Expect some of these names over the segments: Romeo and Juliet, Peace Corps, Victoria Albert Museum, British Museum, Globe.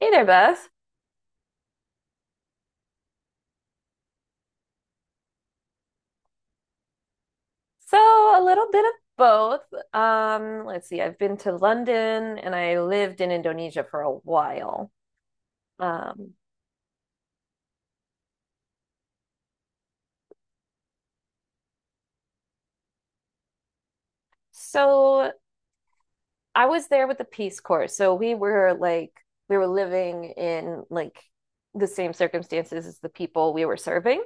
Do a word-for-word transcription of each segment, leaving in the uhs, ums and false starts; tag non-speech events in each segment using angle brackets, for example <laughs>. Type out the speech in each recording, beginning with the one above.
Hey there, Beth. So, a little bit of both. Um, let's see, I've been to London and I lived in Indonesia for a while. Um, so I was there with the Peace Corps. So we were like we were living in like the same circumstances as the people we were serving.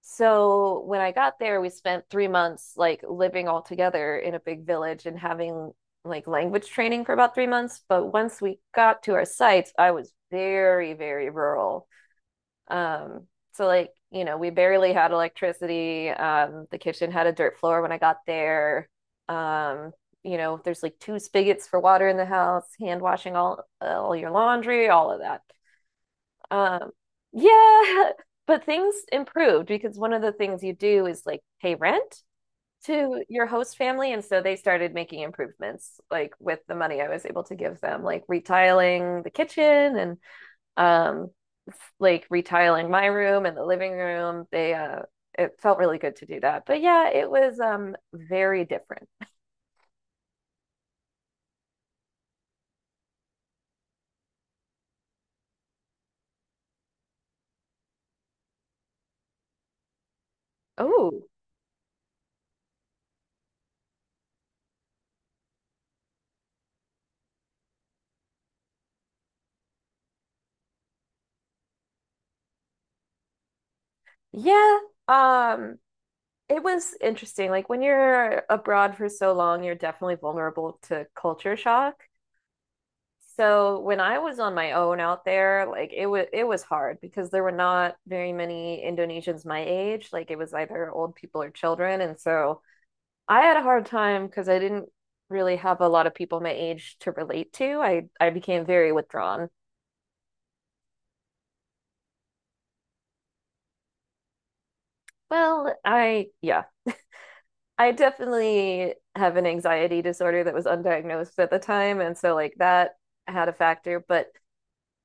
So when I got there, we spent three months like living all together in a big village and having like language training for about three months. But once we got to our sites, I was very, very rural. Um, so like, you know, we barely had electricity. Um, the kitchen had a dirt floor when I got there. Um, you know, there's like two spigots for water in the house, hand washing all all your laundry, all of that. Um, yeah, <laughs> but things improved because one of the things you do is like pay rent to your host family, and so they started making improvements like with the money I was able to give them, like retiling the kitchen and um like retiling my room and the living room. They uh it felt really good to do that. But yeah, it was um very different. Oh, yeah. Um It was interesting. Like when you're abroad for so long, you're definitely vulnerable to culture shock. So when I was on my own out there, like it was it was hard because there were not very many Indonesians my age. Like it was either old people or children, and so I had a hard time because I didn't really have a lot of people my age to relate to. I I became very withdrawn. Well, I yeah, I definitely have an anxiety disorder that was undiagnosed at the time. And so, like, that had a factor, but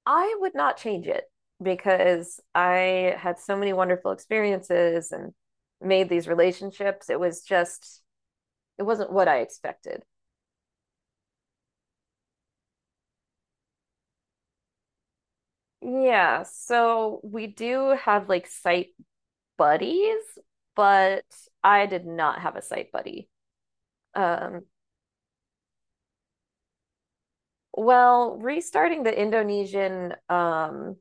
I would not change it because I had so many wonderful experiences and made these relationships. It was just, it wasn't what I expected. Yeah. So, we do have like site buddies, but I did not have a site buddy. Um, well, restarting the Indonesian um,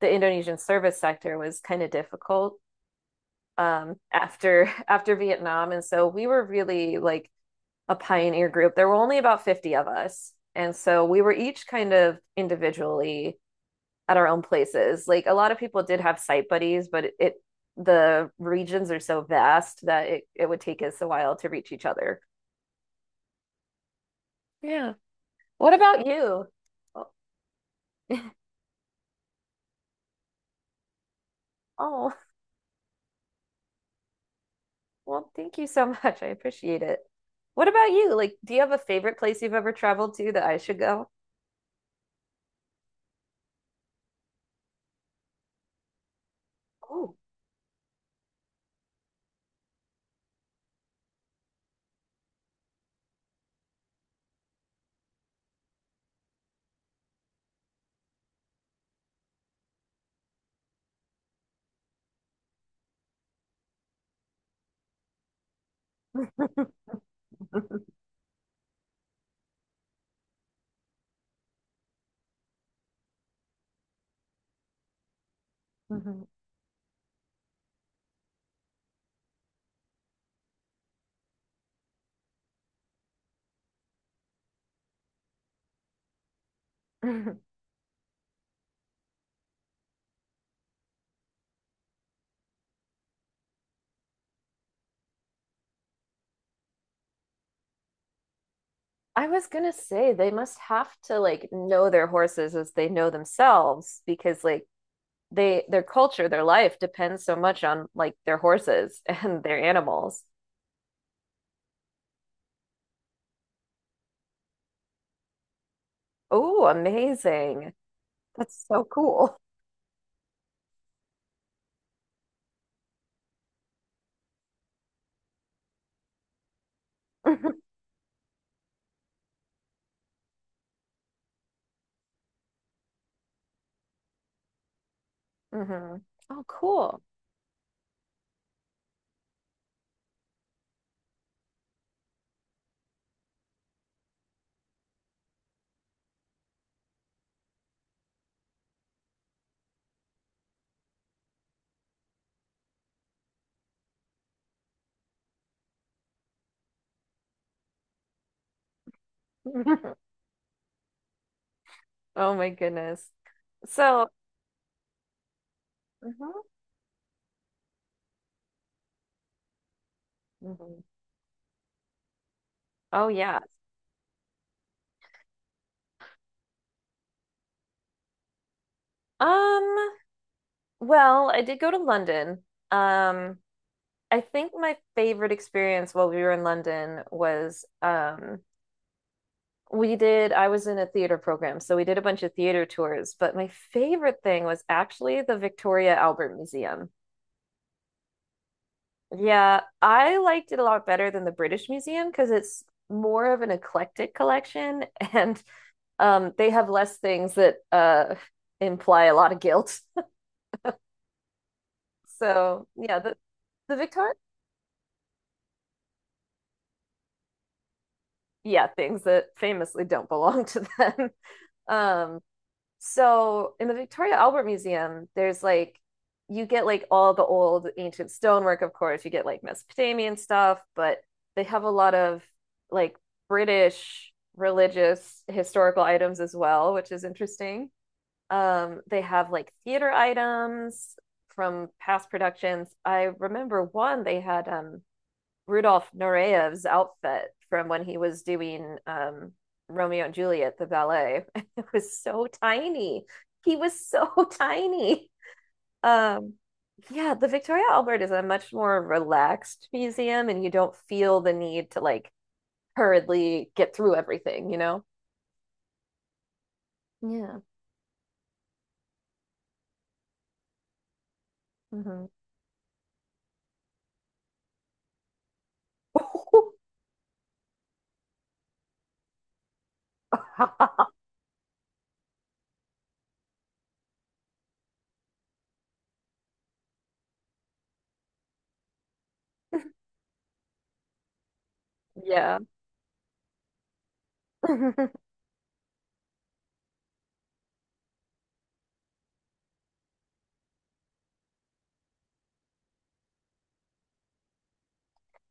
the Indonesian service sector was kind of difficult um, after <laughs> after Vietnam, and so we were really like a pioneer group. There were only about fifty of us, and so we were each kind of individually at our own places. Like a lot of people did have site buddies, but it, it the regions are so vast that it, it would take us a while to reach each other. Yeah. What about you? Oh, well, thank you so <laughs> much. I appreciate it. What about you? Like, do you have a favorite place you've ever traveled to that I should go? Oh. <laughs> I was gonna say they must have to like know their horses as they know themselves because like they their culture, their life depends so much on like their horses <laughs> and their animals. Oh, amazing. That's so cool. <laughs> Hmm. Oh, cool. <laughs> Oh my goodness. So, mhm. Mhm. Oh yeah. Um, well, I did go to London. Um, I think my favorite experience while we were in London was um we did I was in a theater program, so we did a bunch of theater tours, but my favorite thing was actually the Victoria Albert Museum. Yeah, I liked it a lot better than the British Museum because it's more of an eclectic collection <laughs> and um they have less things that uh imply a lot of guilt. <laughs> So, yeah, the the Victoria yeah, things that famously don't belong to them. <laughs> Um, so in the Victoria Albert Museum, there's like you get like all the old ancient stonework, of course, you get like Mesopotamian stuff, but they have a lot of like British religious historical items as well, which is interesting. Um, they have like theater items from past productions. I remember one they had um Rudolf Noreyev's outfit from when he was doing um, Romeo and Juliet, the ballet. <laughs> It was so tiny. He was so <laughs> tiny. Um, yeah, the Victoria Albert is a much more relaxed museum, and you don't feel the need to like hurriedly get through everything, you know? Yeah. Hmm. <laughs> Yeah. <laughs>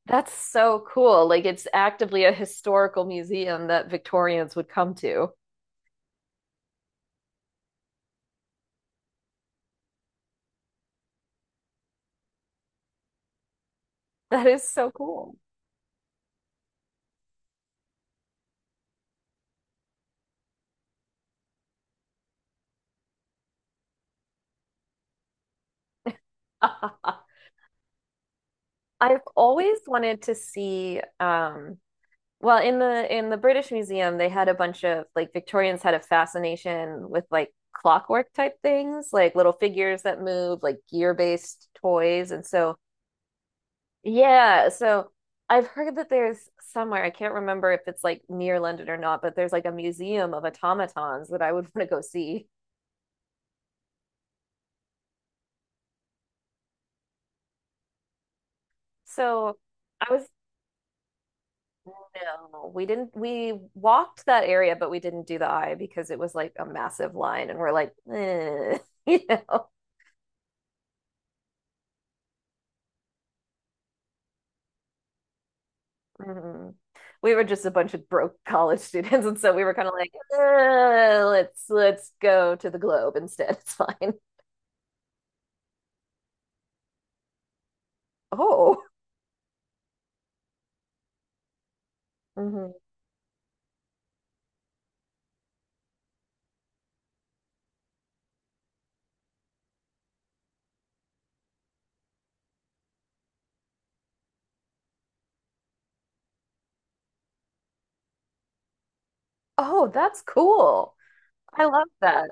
That's so cool. Like it's actively a historical museum that Victorians would come to. That is so cool. <laughs> I've always wanted to see um well in the in the British Museum they had a bunch of like Victorians had a fascination with like clockwork type things, like little figures that move, like gear-based toys. And so yeah, so I've heard that there's somewhere, I can't remember if it's like near London or not, but there's like a museum of automatons that I would <laughs> want to go see. So I was no, we didn't. We walked that area, but we didn't do the eye because it was like a massive line, and we're like, eh, <laughs> you know, mhm, we were just a bunch of broke <laughs> college students, and so we were kind of like, "Eh, let's let's go to the Globe instead. <laughs> It's fine." Oh, mhm. Oh, that's cool. I love that.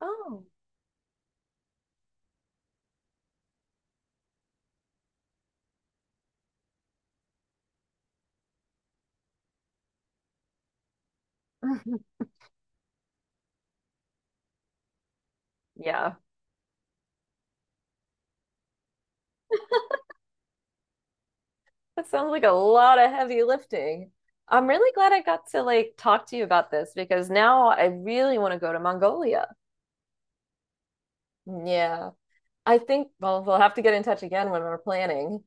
Oh, <laughs> yeah, that sounds like a lot of heavy lifting. I'm really glad I got to like talk to you about this because now I really want to go to Mongolia. Yeah. I think, well, we'll have to get in touch again when we're planning.